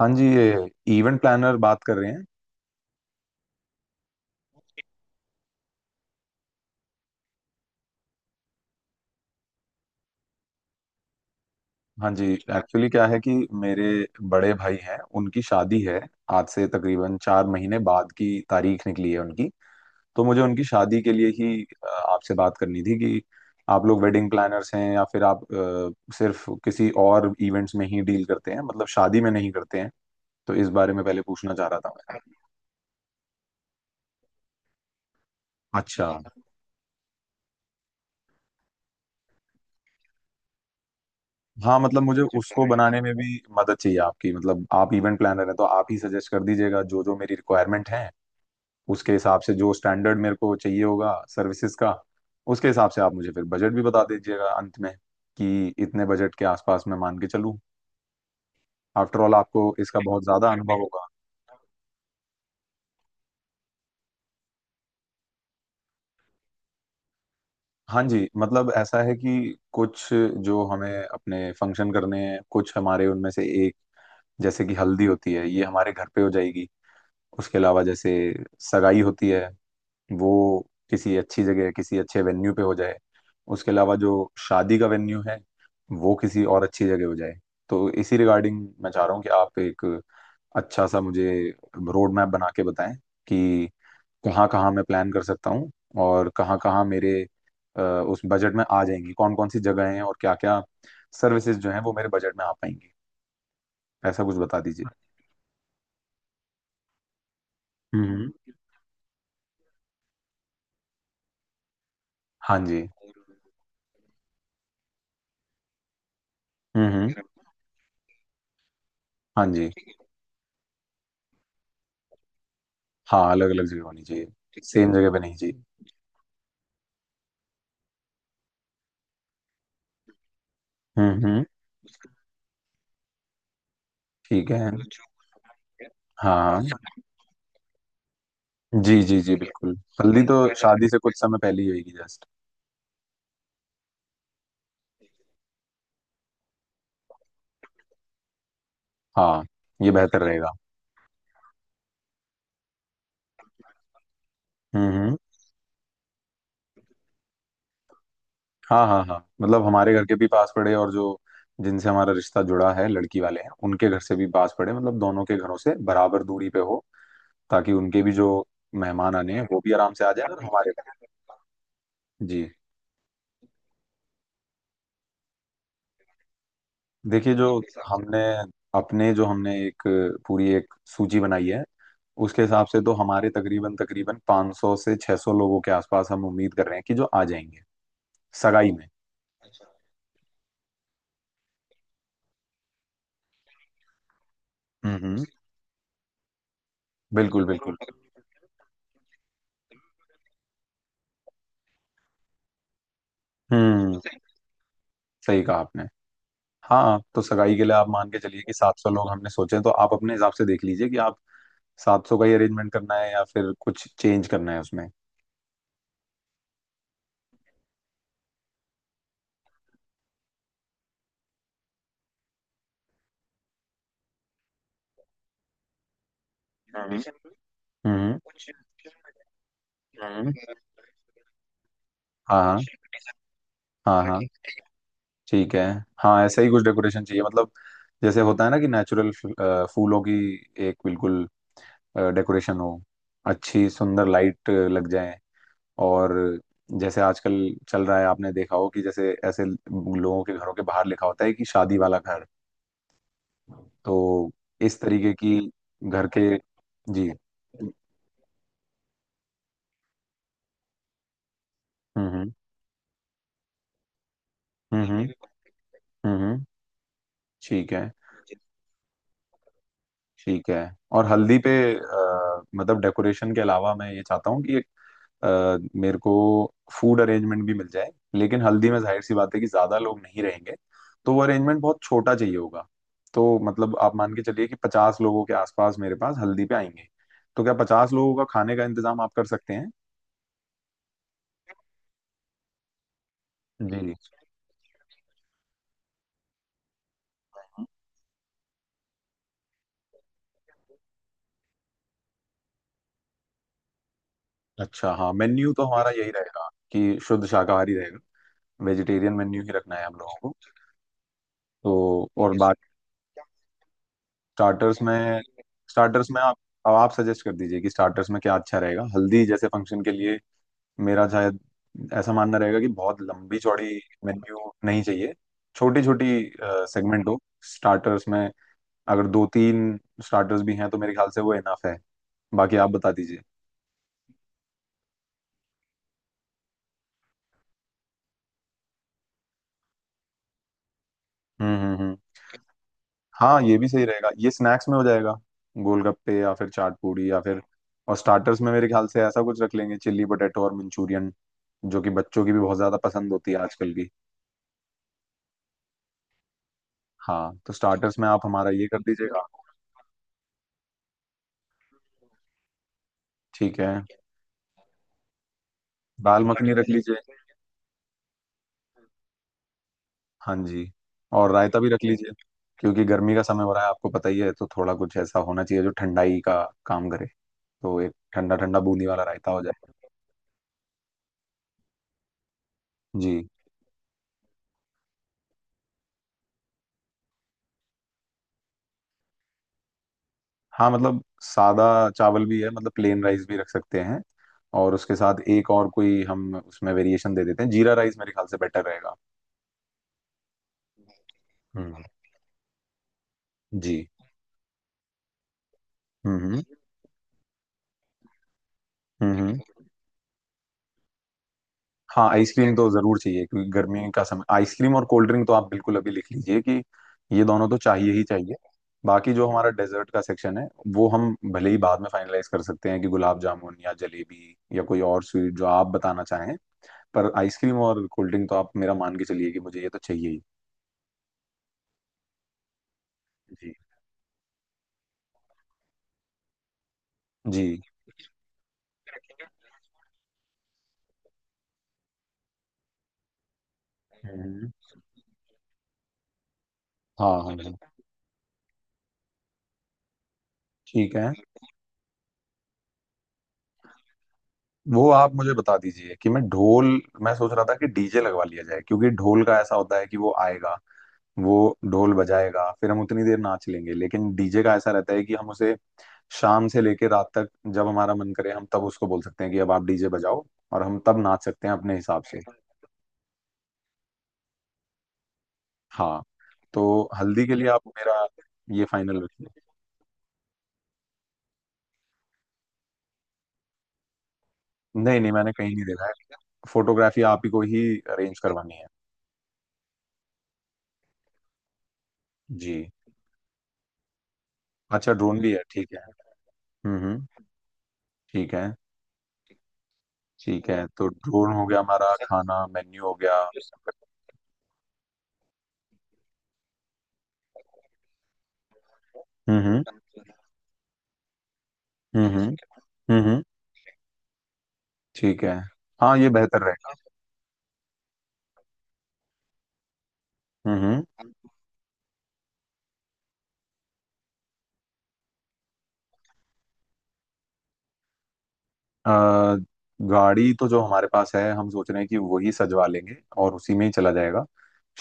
हाँ जी, ये इवेंट प्लानर बात कर रहे हैं। हाँ जी, एक्चुअली क्या है कि मेरे बड़े भाई हैं, उनकी शादी है। आज से तकरीबन 4 महीने बाद की तारीख निकली है उनकी। तो मुझे उनकी शादी के लिए ही आपसे बात करनी थी कि आप लोग वेडिंग प्लानर्स हैं या फिर आप सिर्फ किसी और इवेंट्स में ही डील करते हैं, मतलब शादी में नहीं करते हैं। तो इस बारे में पहले पूछना चाह रहा था मैं। अच्छा। हाँ, मतलब मुझे उसको बनाने में भी मदद चाहिए आपकी। मतलब आप इवेंट प्लानर हैं, तो आप ही सजेस्ट कर दीजिएगा जो जो मेरी रिक्वायरमेंट है उसके हिसाब से, जो स्टैंडर्ड मेरे को चाहिए होगा सर्विसेज का, उसके हिसाब से आप मुझे फिर बजट भी बता दीजिएगा अंत में, कि इतने बजट के आसपास मैं मान के चलूं। आफ्टर ऑल आपको इसका बहुत ज़्यादा अनुभव होगा। हाँ जी, मतलब ऐसा है कि कुछ जो हमें अपने फंक्शन करने हैं, कुछ हमारे उनमें से एक जैसे कि हल्दी होती है, ये हमारे घर पे हो जाएगी। उसके अलावा, जैसे सगाई होती है, वो किसी अच्छी जगह, किसी अच्छे वेन्यू पे हो जाए। उसके अलावा जो शादी का वेन्यू है, वो किसी और अच्छी जगह हो जाए। तो इसी रिगार्डिंग मैं चाह रहा हूँ कि आप एक अच्छा सा मुझे रोड मैप बना के बताएं कि कहाँ कहाँ मैं प्लान कर सकता हूँ और कहाँ कहाँ मेरे उस बजट में आ जाएंगी, कौन कौन सी जगह हैं और क्या क्या सर्विसेज जो हैं वो मेरे बजट में आ पाएंगी। ऐसा कुछ बता दीजिए। हम्म। हाँ जी। हम्म। हाँ जी। हाँ, अलग अलग जगह होनी चाहिए, सेम जगह पे नहीं चाहिए। हम्म। ठीक है, सोचो। हाँ जी, जी जी, ठीक है, बिल्कुल। हल्दी तो वैसा शादी से कुछ समय पहले ही होगी, जस्ट। हाँ, ये बेहतर रहेगा। हम्म। हाँ हाँ हाँ, मतलब हमारे घर के भी पास पड़े, और जो जिनसे हमारा रिश्ता जुड़ा है, लड़की वाले हैं उनके घर से भी पास पड़े, मतलब दोनों के घरों से बराबर दूरी पे हो, ताकि उनके भी जो मेहमान आने हैं वो भी आराम से आ जाए और हमारे। जी। देखिए, जो हमने अपने जो हमने एक पूरी एक सूची बनाई है उसके हिसाब से तो हमारे तकरीबन तकरीबन 500 से 600 लोगों के आसपास हम उम्मीद कर रहे हैं कि जो आ जाएंगे सगाई में। हम्म। बिल्कुल बिल्कुल। हम्म। सही कहा आपने। हाँ, तो सगाई के लिए आप मान के चलिए कि 700 लोग हमने सोचे हैं, तो आप अपने हिसाब से देख लीजिए कि आप 700 का ही अरेंजमेंट करना है या फिर कुछ चेंज करना है उसमें। हम्म हम्म हम्म। हाँ हाँ हाँ हाँ। ठीक है। हाँ, ऐसा ही कुछ डेकोरेशन चाहिए, मतलब जैसे होता है ना कि नेचुरल फूलों की एक बिल्कुल डेकोरेशन हो, अच्छी सुंदर लाइट लग जाए। और जैसे आजकल चल रहा है, आपने देखा हो कि जैसे ऐसे लोगों के घरों के बाहर लिखा होता है कि शादी वाला घर। तो इस तरीके की घर के। जी। हम्म हम्म। हम्म। हम्म। ठीक है। ठीक है। और हल्दी पे मतलब डेकोरेशन के अलावा मैं ये चाहता हूँ कि एक मेरे को फूड अरेंजमेंट भी मिल जाए। लेकिन हल्दी में जाहिर सी बात है कि ज्यादा लोग नहीं रहेंगे, तो वो अरेंजमेंट बहुत छोटा चाहिए होगा। तो मतलब आप मान के चलिए कि 50 लोगों के आसपास मेरे पास हल्दी पे आएंगे, तो क्या 50 लोगों का खाने का इंतजाम आप कर सकते हैं? जी। अच्छा, हाँ, मेन्यू तो हमारा यही रहेगा कि शुद्ध शाकाहारी रहेगा, वेजिटेरियन मेन्यू ही रखना है हम लोगों को। तो और स्टार्टर्स में, स्टार्टर्स में आप, अब आप सजेस्ट कर दीजिए कि स्टार्टर्स में क्या अच्छा रहेगा हल्दी जैसे फंक्शन के लिए। मेरा शायद ऐसा मानना रहेगा कि बहुत लंबी चौड़ी मेन्यू नहीं चाहिए, छोटी छोटी सेगमेंट हो। स्टार्टर्स में अगर दो तीन स्टार्टर्स भी हैं तो मेरे ख्याल से वो इनफ है। बाकी आप बता दीजिए। हम्म। हाँ, ये भी सही रहेगा, ये स्नैक्स में हो जाएगा, गोलगप्पे या फिर चाट पूड़ी या फिर। और स्टार्टर्स में मेरे ख्याल से ऐसा कुछ रख लेंगे, चिल्ली पोटैटो और मंचूरियन, जो कि बच्चों की भी बहुत ज्यादा पसंद होती है आजकल की। हाँ, तो स्टार्टर्स में आप हमारा ये कर दीजिएगा। ठीक है। दाल मखनी रख लीजिए। हाँ जी। और रायता भी रख लीजिए, क्योंकि गर्मी का समय हो रहा है, आपको पता ही है, तो थोड़ा कुछ ऐसा होना चाहिए जो ठंडाई का काम करे। तो एक ठंडा ठंडा बूंदी वाला रायता हो जाए। जी। हाँ, मतलब सादा चावल भी है, मतलब प्लेन राइस भी रख सकते हैं। और उसके साथ एक और कोई हम उसमें वेरिएशन दे देते हैं, जीरा राइस मेरे ख्याल से बेटर रहेगा। हम्म। जी। हम्म। हम्म हम्म। हाँ, आइसक्रीम तो जरूर चाहिए, क्योंकि गर्मी का समय, आइसक्रीम और कोल्ड ड्रिंक तो आप बिल्कुल अभी लिख लीजिए कि ये दोनों तो चाहिए ही चाहिए। बाकी जो हमारा डेजर्ट का सेक्शन है वो हम भले ही बाद में फाइनलाइज कर सकते हैं कि गुलाब जामुन या जलेबी या कोई और स्वीट जो आप बताना चाहें। पर आइसक्रीम और कोल्ड ड्रिंक तो आप मेरा मान के चलिए कि मुझे ये तो चाहिए ही। जी, जी। हुँ। हाँ, हाँ, हाँ। ठीक है। वो आप मुझे बता दीजिए कि मैं ढोल, मैं सोच रहा था कि डीजे लगवा लिया जाए, क्योंकि ढोल का ऐसा होता है कि वो आएगा, वो ढोल बजाएगा, फिर हम उतनी देर नाच लेंगे। लेकिन डीजे का ऐसा रहता है कि हम उसे शाम से लेके रात तक जब हमारा मन करे हम तब उसको बोल सकते हैं कि अब आप डीजे बजाओ, और हम तब नाच सकते हैं अपने हिसाब से। हाँ, तो हल्दी के लिए आप मेरा ये फाइनल रखिए। नहीं, नहीं, मैंने कहीं नहीं देखा है। फ़ोटोग्राफ़ी आप ही को ही अरेंज करवानी है। जी। अच्छा, ड्रोन भी है, ठीक है। हम्म। ठीक है। ठीक है, तो ड्रोन हो गया, हमारा खाना मेन्यू हो गया। हम्म हम्म। हम्म। ठीक है। हाँ, ये बेहतर रहेगा। हम्म। अ, गाड़ी तो जो हमारे पास है हम सोच रहे हैं कि वही सजवा लेंगे, और उसी में ही चला जाएगा।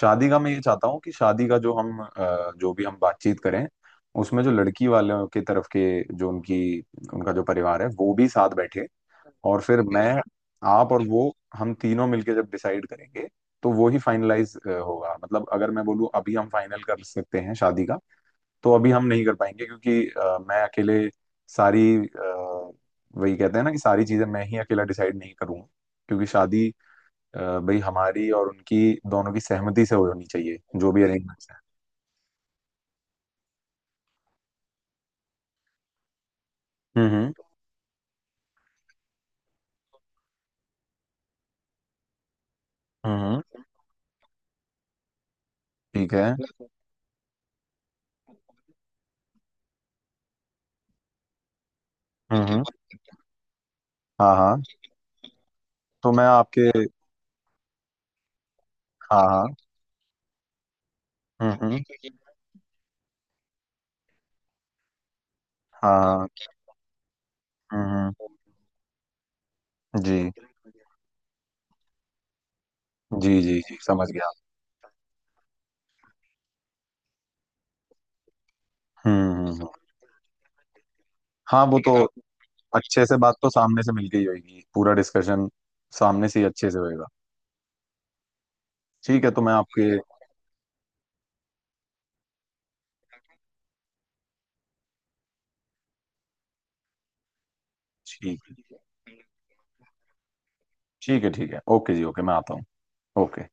शादी का मैं ये चाहता हूँ कि शादी का जो हम जो भी हम बातचीत करें उसमें जो लड़की वालों की तरफ के, जो उनकी, उनका जो परिवार है वो भी साथ बैठे, और फिर मैं, आप और वो, हम तीनों मिलके जब डिसाइड करेंगे तो वो ही फाइनलाइज होगा। मतलब अगर मैं बोलूँ अभी हम फाइनल कर सकते हैं शादी का, तो अभी हम नहीं कर पाएंगे, क्योंकि मैं अकेले सारी वही कहते हैं ना कि सारी चीजें मैं ही अकेला डिसाइड नहीं करूंगा, क्योंकि शादी अ, भाई, हमारी और उनकी दोनों की सहमति से होनी चाहिए जो भी अरेंजमेंट्स हैं। हम्म हम्म। ठीक है। हम्म। हाँ हाँ। तो मैं आपके। हाँ हाँ। हम्म। हाँ हाँ। हम्म। जी, जी, जी, जी, समझ गया। हुँ, हुँ, हुँ। हाँ, वो ठीक है तो ना? अच्छे से बात तो सामने से मिलके ही होएगी। पूरा डिस्कशन सामने से ही अच्छे से होएगा। ठीक है, तो मैं ठीक आपके है। ठीक है, ठीक है, ठीक है। ओके जी, ओके, मैं आता हूँ। ओके।